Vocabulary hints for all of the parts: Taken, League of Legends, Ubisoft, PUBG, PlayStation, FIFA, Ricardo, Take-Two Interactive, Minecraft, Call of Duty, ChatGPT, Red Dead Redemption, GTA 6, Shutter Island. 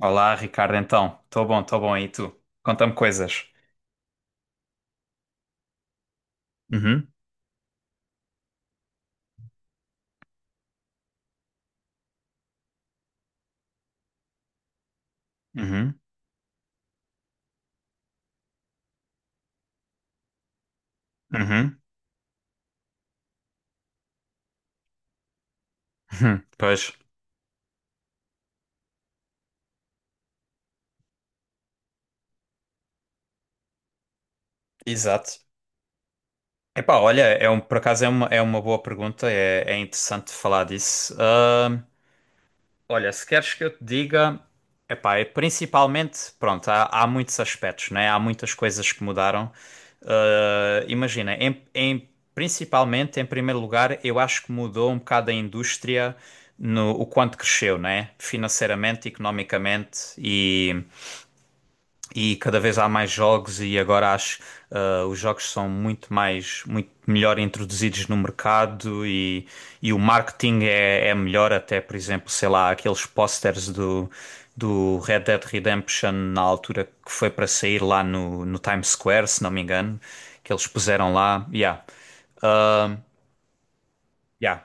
Olá, Ricardo, então. Estou bom, estou bom. E tu? Conta-me coisas. Uhum, uhum, uhum, uhum. Pois. Exato. Epá, olha, por acaso é uma boa pergunta, é interessante falar disso. Olha, se queres que eu te diga, epá, é principalmente, pronto, há muitos aspectos, né? Há muitas coisas que mudaram. Imagina, principalmente, em primeiro lugar, eu acho que mudou um bocado a indústria no o quanto cresceu, né? Financeiramente, economicamente e cada vez há mais jogos. E agora acho, os jogos são muito mais, muito melhor introduzidos no mercado, e o marketing é melhor. Até, por exemplo, sei lá, aqueles posters do Red Dead Redemption na altura que foi para sair lá no Times Square, se não me engano, que eles puseram lá, yeah. Ah, yeah.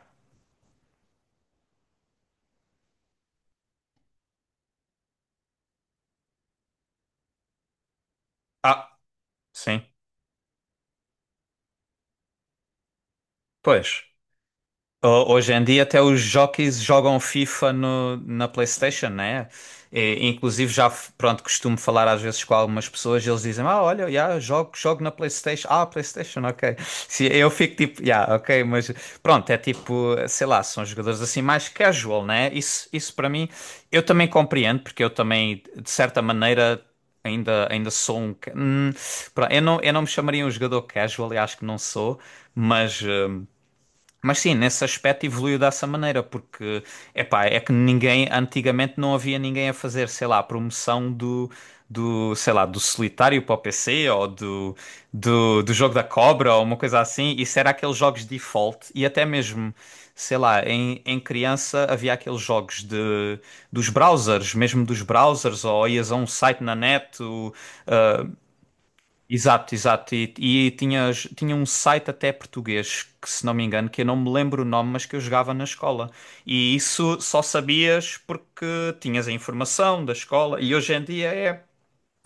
Ah, sim. Pois. Hoje em dia até os jockeys jogam FIFA na PlayStation, né? E inclusive já, pronto, costumo falar às vezes com algumas pessoas e eles dizem, ah, olha, yeah, jogo na PlayStation. Ah, PlayStation, ok. Eu fico tipo, yeah, ok, mas pronto, é tipo, sei lá, são jogadores assim mais casual, né? Isso para mim, eu também compreendo, porque eu também, de certa maneira, ainda sou um, pronto, eu não me chamaria um jogador casual, e acho que não sou, mas. hum, mas sim, nesse aspecto evoluiu dessa maneira, porque epá, é que ninguém, antigamente, não havia ninguém a fazer, sei lá, a promoção sei lá, do Solitário para o PC, ou do jogo da cobra, ou uma coisa assim. Isso era aqueles jogos default. E até mesmo, sei lá, em criança, havia aqueles jogos dos browsers, mesmo dos browsers, ou ias a um site na net. Exato, exato. E tinha um site até português, que, se não me engano, que eu não me lembro o nome, mas que eu jogava na escola. E isso só sabias porque tinhas a informação da escola. E hoje em dia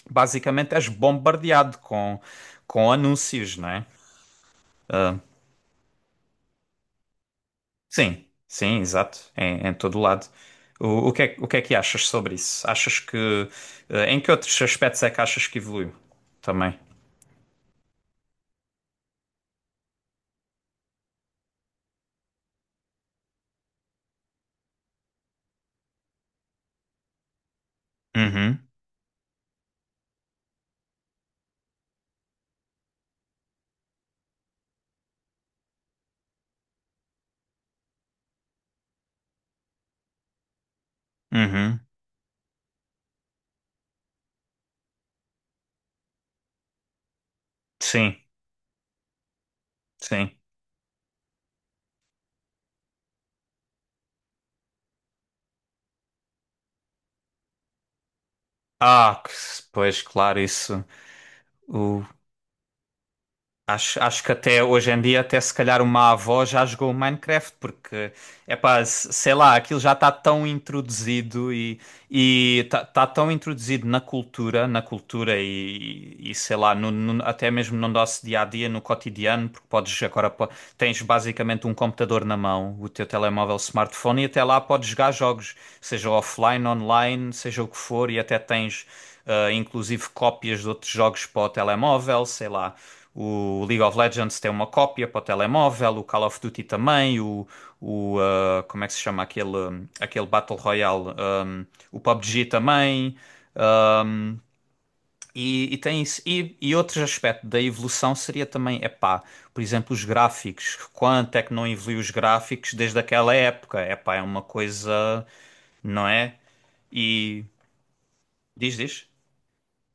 basicamente és bombardeado com anúncios, não é? Ah, sim, sim, exato. Em todo lado. O que é que achas sobre isso? Achas que, em que outros aspectos é que achas que evoluiu também? Uhum, uhum. Sim, sim. Ah, pois claro, isso. O, acho que até hoje em dia, até se calhar uma avó já jogou o Minecraft, porque, é pá, sei lá, aquilo já está tão introduzido e está tão introduzido na cultura, e, sei lá, até mesmo no nosso dia a dia, no cotidiano, porque podes agora tens basicamente um computador na mão, o teu telemóvel, smartphone, e até lá podes jogar jogos, seja offline, online, seja o que for. E até tens, inclusive, cópias de outros jogos para o telemóvel, sei lá. O League of Legends tem uma cópia para o telemóvel, o Call of Duty também, como é que se chama aquele, Battle Royale? O PUBG também. E tem isso. E outro aspecto da evolução seria também, epá, por exemplo, os gráficos. Quanto é que não evoluiu os gráficos desde aquela época? Epá, é uma coisa, não é? E diz, diz.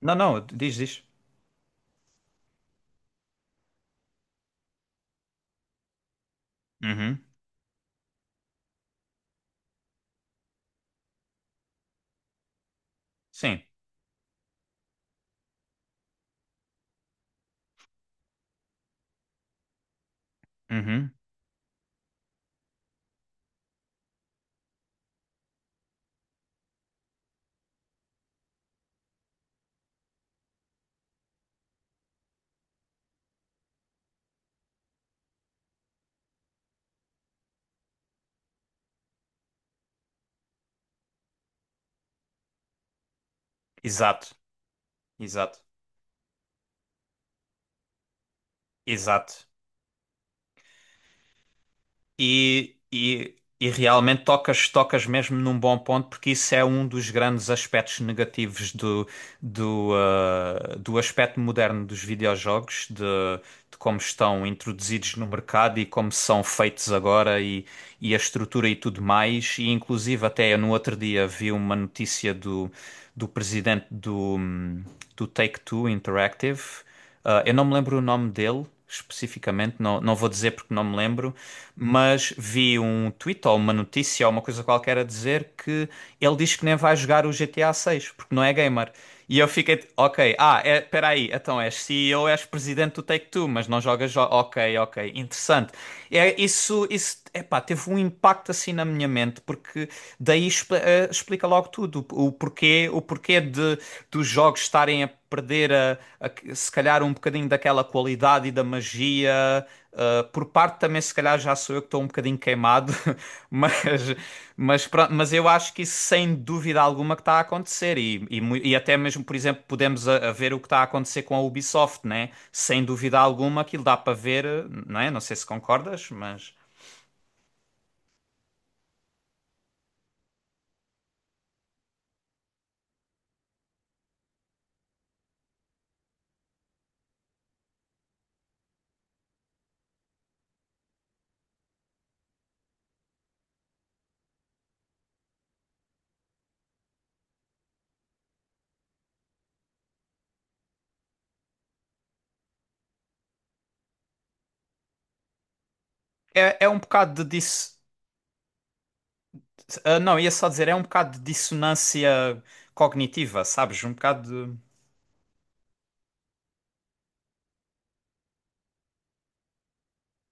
Não, não, diz, diz. Uhum. Sim. Uhum. Exato, exato, exato. E realmente tocas mesmo num bom ponto, porque isso é um dos grandes aspectos negativos do aspecto moderno dos videojogos, de como estão introduzidos no mercado e como são feitos agora, e a estrutura e tudo mais. E inclusive, até eu, no outro dia, vi uma notícia do presidente do Take-Two Interactive. Eu não me lembro o nome dele especificamente, não vou dizer porque não me lembro, mas vi um tweet ou uma notícia ou uma coisa qualquer a dizer que ele diz que nem vai jogar o GTA 6 porque não é gamer. E eu fiquei, ok, é, espera aí, então és CEO, és presidente do Take-Two, mas não jogas, jo ok, ok, interessante. É, isso, epá, teve um impacto assim na minha mente, porque daí explica logo tudo, o porquê dos jogos estarem a perder a, se calhar, um bocadinho daquela qualidade e da magia, por parte. Também se calhar já sou eu que estou um bocadinho queimado, mas, mas eu acho que isso, sem dúvida alguma, que está a acontecer. E até mesmo, por exemplo, podemos a ver o que está a acontecer com a Ubisoft, né? Sem dúvida alguma, aquilo dá para ver, não é? Não sei se concordas, mas... É um bocado de dis... não, ia só dizer, é um bocado de dissonância cognitiva, sabes? Um bocado de...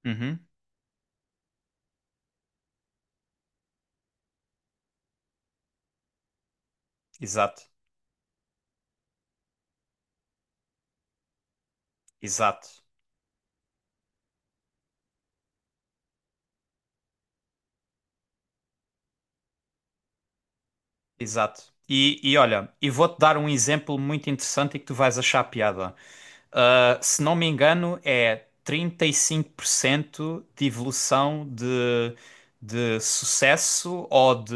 Uhum. Exato, exato, exato. Olha, vou-te dar um exemplo muito interessante e que tu vais achar piada. Ah, se não me engano, é 35% de evolução de sucesso ou de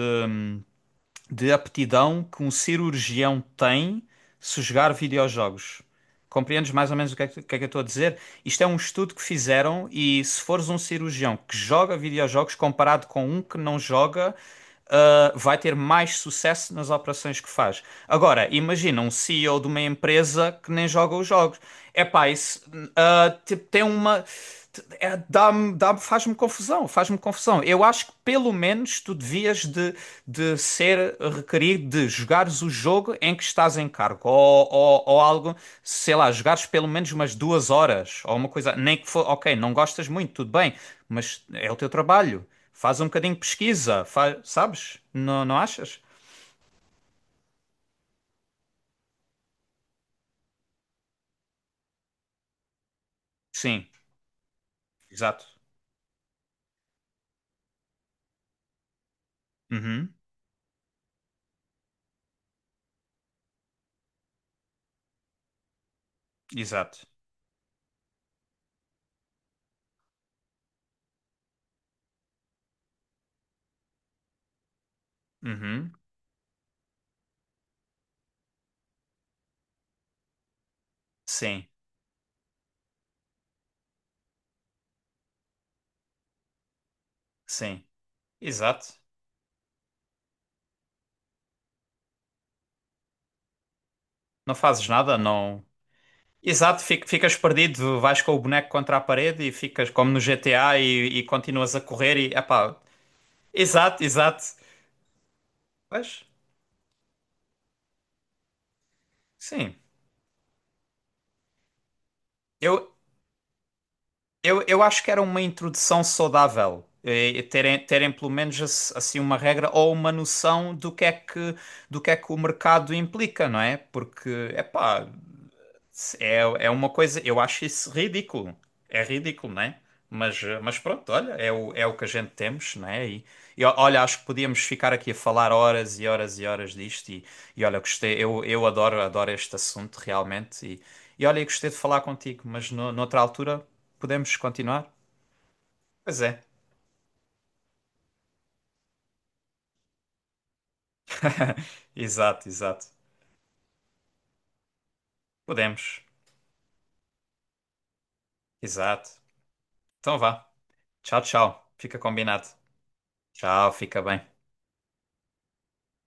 de aptidão que um cirurgião tem se jogar videojogos. Compreendes mais ou menos o que é que, eu estou a dizer? Isto é um estudo que fizeram, e se fores um cirurgião que joga videojogos, comparado com um que não joga, vai ter mais sucesso nas operações que faz. Agora, imagina um CEO de uma empresa que nem joga os jogos. Epá, isso, tipo, tem uma. É, dá-me, faz-me confusão, faz-me confusão. Eu acho que pelo menos tu devias de ser requerido de jogares o jogo em que estás em cargo, ou, ou algo, sei lá, jogares pelo menos umas 2 horas, ou uma coisa, nem que for. Ok, não gostas muito, tudo bem, mas é o teu trabalho. Faz um bocadinho de pesquisa, faz, sabes? Não, não achas? Sim, exato. Uhum, exato. Uhum, sim, sim, exato. Não fazes nada, não. Exato, ficas perdido, vais com o boneco contra a parede e ficas como no GTA, e continuas a correr e, epá, exato, exato. Mas sim, eu, eu acho que era uma introdução saudável. Terem pelo menos assim uma regra ou uma noção do que é que, o mercado implica, não é? Porque, epá, É, é uma coisa, eu acho isso ridículo. É ridículo, né? Mas pronto, olha, é o, que a gente temos, né? E olha, acho que podíamos ficar aqui a falar horas e horas e horas disto. E olha, gostei, eu adoro, este assunto realmente. E olha, eu gostei de falar contigo, mas no, noutra altura podemos continuar? Pois é, exato, exato. Podemos, exato. Então vá, tchau, tchau. Fica combinado. Tchau, fica bem.